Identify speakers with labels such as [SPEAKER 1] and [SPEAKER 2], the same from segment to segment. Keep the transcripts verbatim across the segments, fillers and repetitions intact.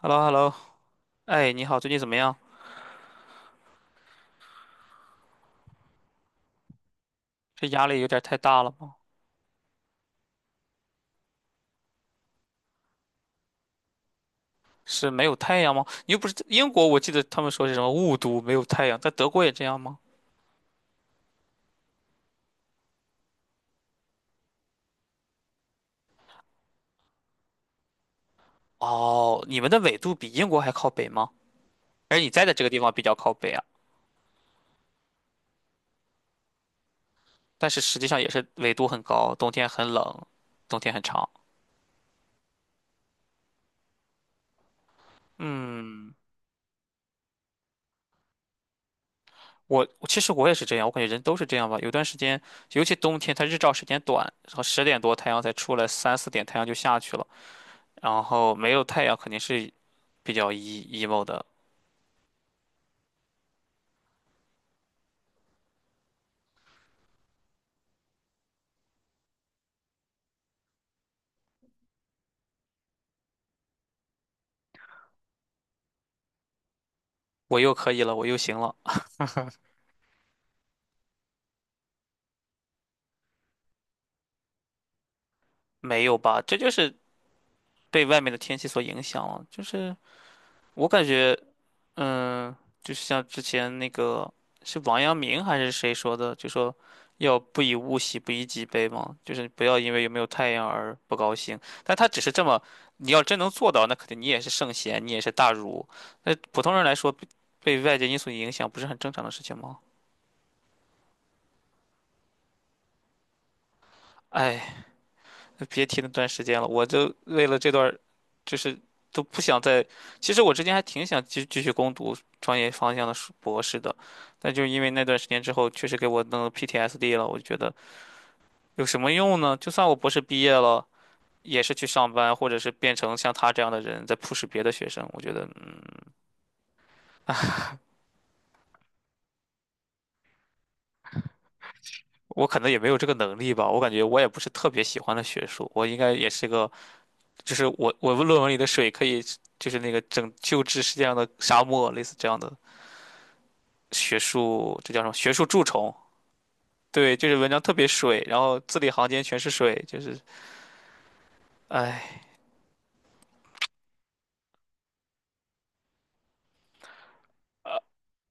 [SPEAKER 1] h e l l o h e l l o 哎，你好，最近怎么样？这压力有点太大了吗？是没有太阳吗？你又不是英国，我记得他们说是什么雾都没有太阳，在德国也这样吗？哦，你们的纬度比英国还靠北吗？而你在的这个地方比较靠北啊，但是实际上也是纬度很高，冬天很冷，冬天很长。嗯，我我其实我也是这样，我感觉人都是这样吧。有段时间，尤其冬天，它日照时间短，然后十点多太阳才出来，三四点太阳就下去了。然后没有太阳肯定是比较 e emo 的。我又可以了，我又行了，没有吧？这就是被外面的天气所影响了。就是我感觉，嗯，就是像之前那个是王阳明还是谁说的，就说要不以物喜，不以己悲嘛，就是不要因为有没有太阳而不高兴。但他只是这么，你要真能做到，那肯定你也是圣贤，你也是大儒。那普通人来说，被被外界因素影响不是很正常的事情吗？哎。别提那段时间了，我就为了这段儿就是都不想再。其实我之前还挺想继继续攻读专业方向的硕博士的，但就是因为那段时间之后，确实给我弄 P T S D 了。我就觉得有什么用呢？就算我博士毕业了，也是去上班，或者是变成像他这样的人，在 push 别的学生。我觉得，嗯，我可能也没有这个能力吧。我感觉我也不是特别喜欢的学术，我应该也是个，就是我我论文里的水可以，就是那个拯救治世界上的沙漠，类似这样的。学术，这叫什么？学术蛀虫。对，就是文章特别水，然后字里行间全是水，就是，唉。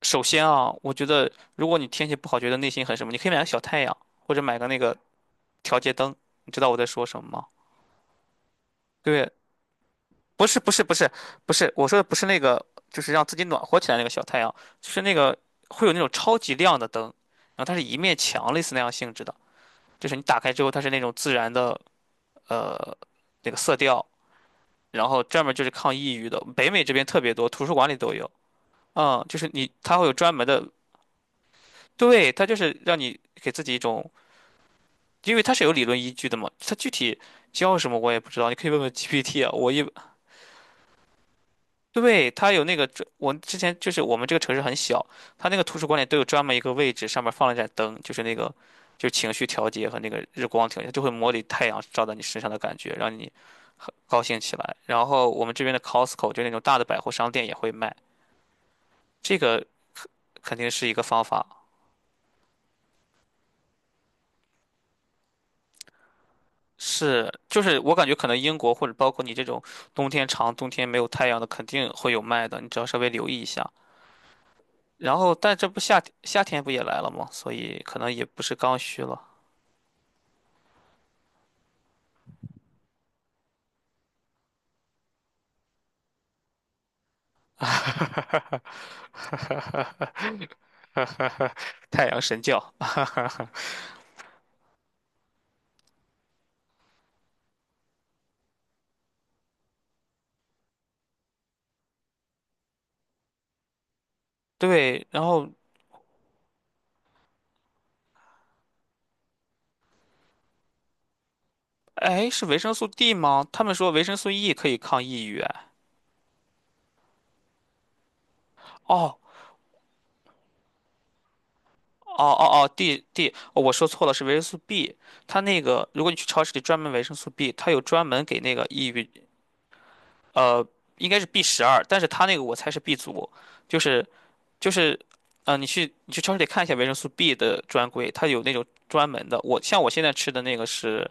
[SPEAKER 1] 首先啊，我觉得如果你天气不好，觉得内心很什么，你可以买个小太阳，或者买个那个调节灯。你知道我在说什么吗？对，不是不是不是不是，我说的不是那个，就是让自己暖和起来那个小太阳，就是那个会有那种超级亮的灯，然后它是一面墙类似那样性质的，就是你打开之后，它是那种自然的呃那个色调，然后专门就是抗抑郁的，北美这边特别多，图书馆里都有。嗯，就是你，它会有专门的，对，它就是让你给自己一种，因为它是有理论依据的嘛，它具体教什么我也不知道，你可以问问 G P T 啊。我一，对，它有那个专我之前就是我们这个城市很小，它那个图书馆里都有专门一个位置，上面放了一盏灯，就是那个就是情绪调节和那个日光调节，它就会模拟太阳照在你身上的感觉，让你高兴起来。然后我们这边的 Costco 就那种大的百货商店也会卖。这个肯定是一个方法。是，就是我感觉可能英国或者包括你这种冬天长、冬天没有太阳的，肯定会有卖的，你只要稍微留意一下。然后，但这不夏天夏天不也来了吗？所以可能也不是刚需了。太阳神教，对，然后哎，是维生素 D 吗？他们说维生素 E 可以抗抑郁，哎哦，哦哦哦，D D，哦，我说错了，是维生素 B。它那个，如果你去超市里专门维生素 B，它有专门给那个抑郁，呃，应该是 B 十二，但是它那个我猜是 B 族，就是就是，呃，你去你去超市里看一下维生素 B 的专柜，它有那种专门的。我像我现在吃的那个是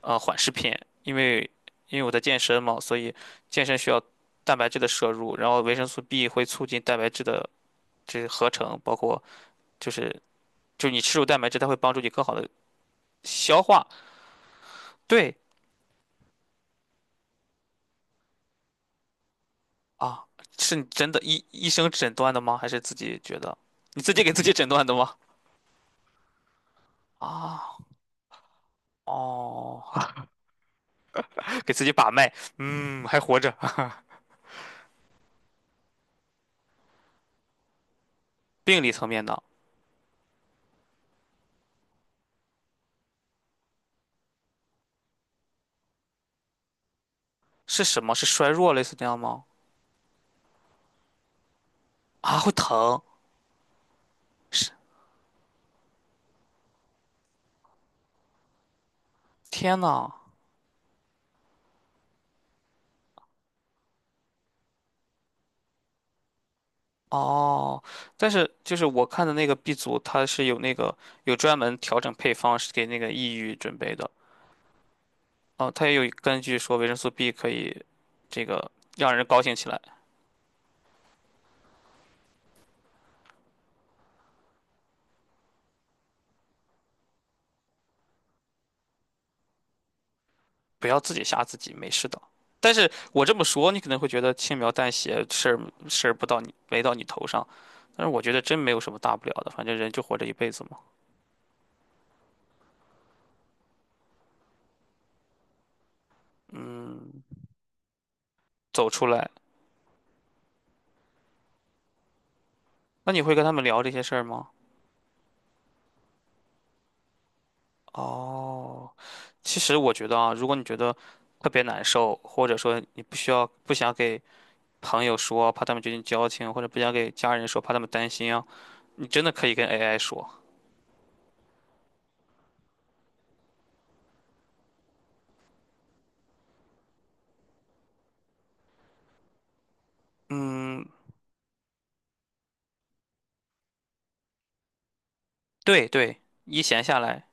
[SPEAKER 1] 呃缓释片，因为因为我在健身嘛，所以健身需要蛋白质的摄入，然后维生素 B 会促进蛋白质的这合成，包括就是。就是你吃入蛋白质，它会帮助你更好的消化，对啊，是你真的医医生诊断的吗？还是自己觉得？你自己给自己诊断的吗？啊，哦，给自己把脉，嗯，还活着。病理层面的是什么？是衰弱类似这样吗？啊，会疼，是，天呐，哦，但是就是我看的那个 B 组，它是有那个有专门调整配方是给那个抑郁准备的，哦，它也有根据说维生素 B 可以这个让人高兴起来。不要自己吓自己，没事的。但是我这么说，你可能会觉得轻描淡写，事儿事儿不到你没到你头上，但是我觉得真没有什么大不了的，反正人就活这一辈子嘛。嗯，走出来，那你会跟他们聊这些事儿吗？哦，其实我觉得啊，如果你觉得特别难受，或者说你不需要不想给朋友说，怕他们觉得交情，或者不想给家人说，怕他们担心啊，你真的可以跟 A I 说。嗯，对对，一闲下来，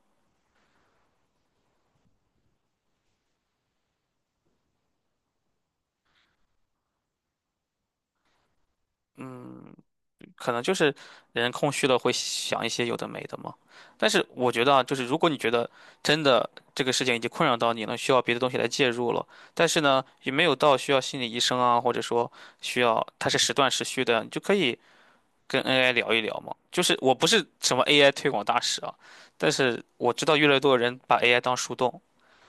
[SPEAKER 1] 嗯。可能就是人空虚了会想一些有的没的嘛。但是我觉得啊，就是如果你觉得真的这个事情已经困扰到你了，需要别的东西来介入了，但是呢，也没有到需要心理医生啊，或者说需要它是时断时续的，你就可以跟 A I 聊一聊嘛。就是我不是什么 A I 推广大使啊，但是我知道越来越多的人把 A I 当树洞。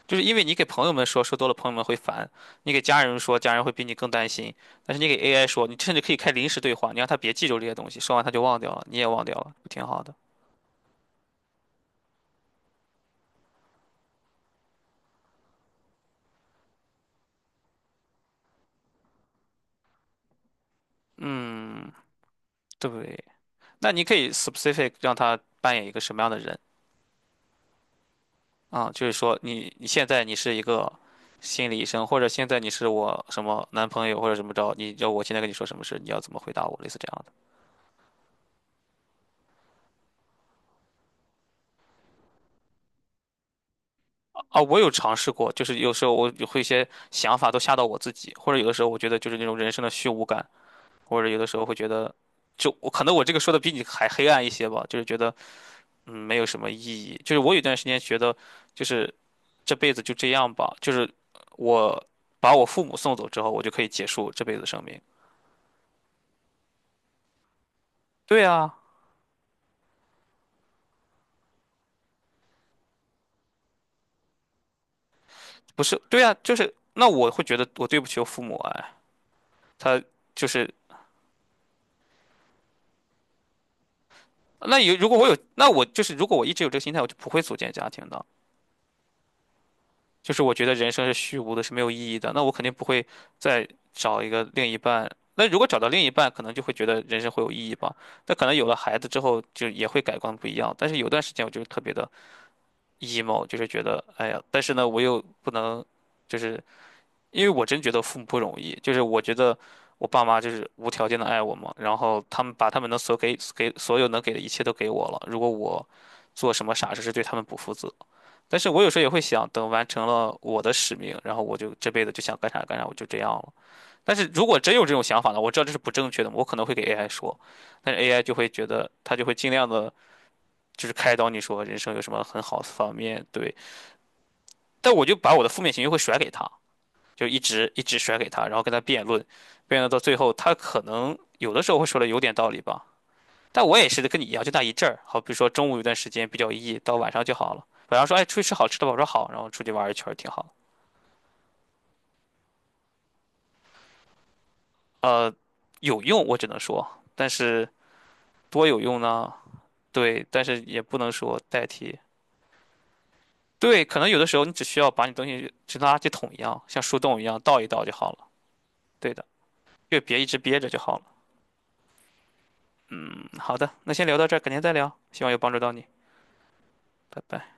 [SPEAKER 1] 就是因为你给朋友们说，说多了朋友们会烦；你给家人说，家人会比你更担心。但是你给 A I 说，你甚至可以开临时对话，你让他别记住这些东西，说完他就忘掉了，你也忘掉了，不挺好的？嗯，对。那你可以 specific 让他扮演一个什么样的人啊？就是说你你现在你是一个心理医生，或者现在你是我什么男朋友或者怎么着，你要我现在跟你说什么事，你要怎么回答我，类似这样的。啊，我有尝试过，就是有时候我有会一些想法都吓到我自己，或者有的时候我觉得就是那种人生的虚无感。或者有的时候会觉得，就我可能我这个说的比你还黑暗一些吧，就是觉得嗯没有什么意义。就是我有段时间觉得，就是这辈子就这样吧，就是我把我父母送走之后，我就可以结束这辈子生命。对啊，不是，对啊，就是那我会觉得我对不起我父母哎，他就是那有如果我有那我就是如果我一直有这个心态，我就不会组建家庭的。就是我觉得人生是虚无的，是没有意义的，那我肯定不会再找一个另一半。那如果找到另一半，可能就会觉得人生会有意义吧。那可能有了孩子之后，就也会改观不一样。但是有段时间我就是特别的 emo，就是觉得哎呀，但是呢，我又不能，就是因为我真觉得父母不容易，就是我觉得我爸妈就是无条件的爱我嘛，然后他们把他们能所给给所有能给的一切都给我了，如果我做什么傻事是对他们不负责但是我有时候也会想，等完成了我的使命，然后我就这辈子就想干啥干啥，我就这样了。但是如果真有这种想法呢，我知道这是不正确的，我可能会给 A I 说，但是 A I 就会觉得，他就会尽量的，就是开导你说人生有什么很好的方面，对。但我就把我的负面情绪会甩给他，就一直一直甩给他，然后跟他辩论，辩论到最后，他可能有的时候会说的有点道理吧，但我也是跟你一样，就那一阵儿，好比如说中午有段时间比较 E，到晚上就好了。晚上说，哎，出去吃好吃的吧，我说好，然后出去玩一圈儿挺好。呃，有用，我只能说，但是多有用呢？对，但是也不能说代替。对，可能有的时候你只需要把你东西就跟垃圾桶一样，像树洞一样倒一倒就好了。对的，就别一直憋着就好了。嗯，好的，那先聊到这儿，改天再聊，希望有帮助到你，拜拜。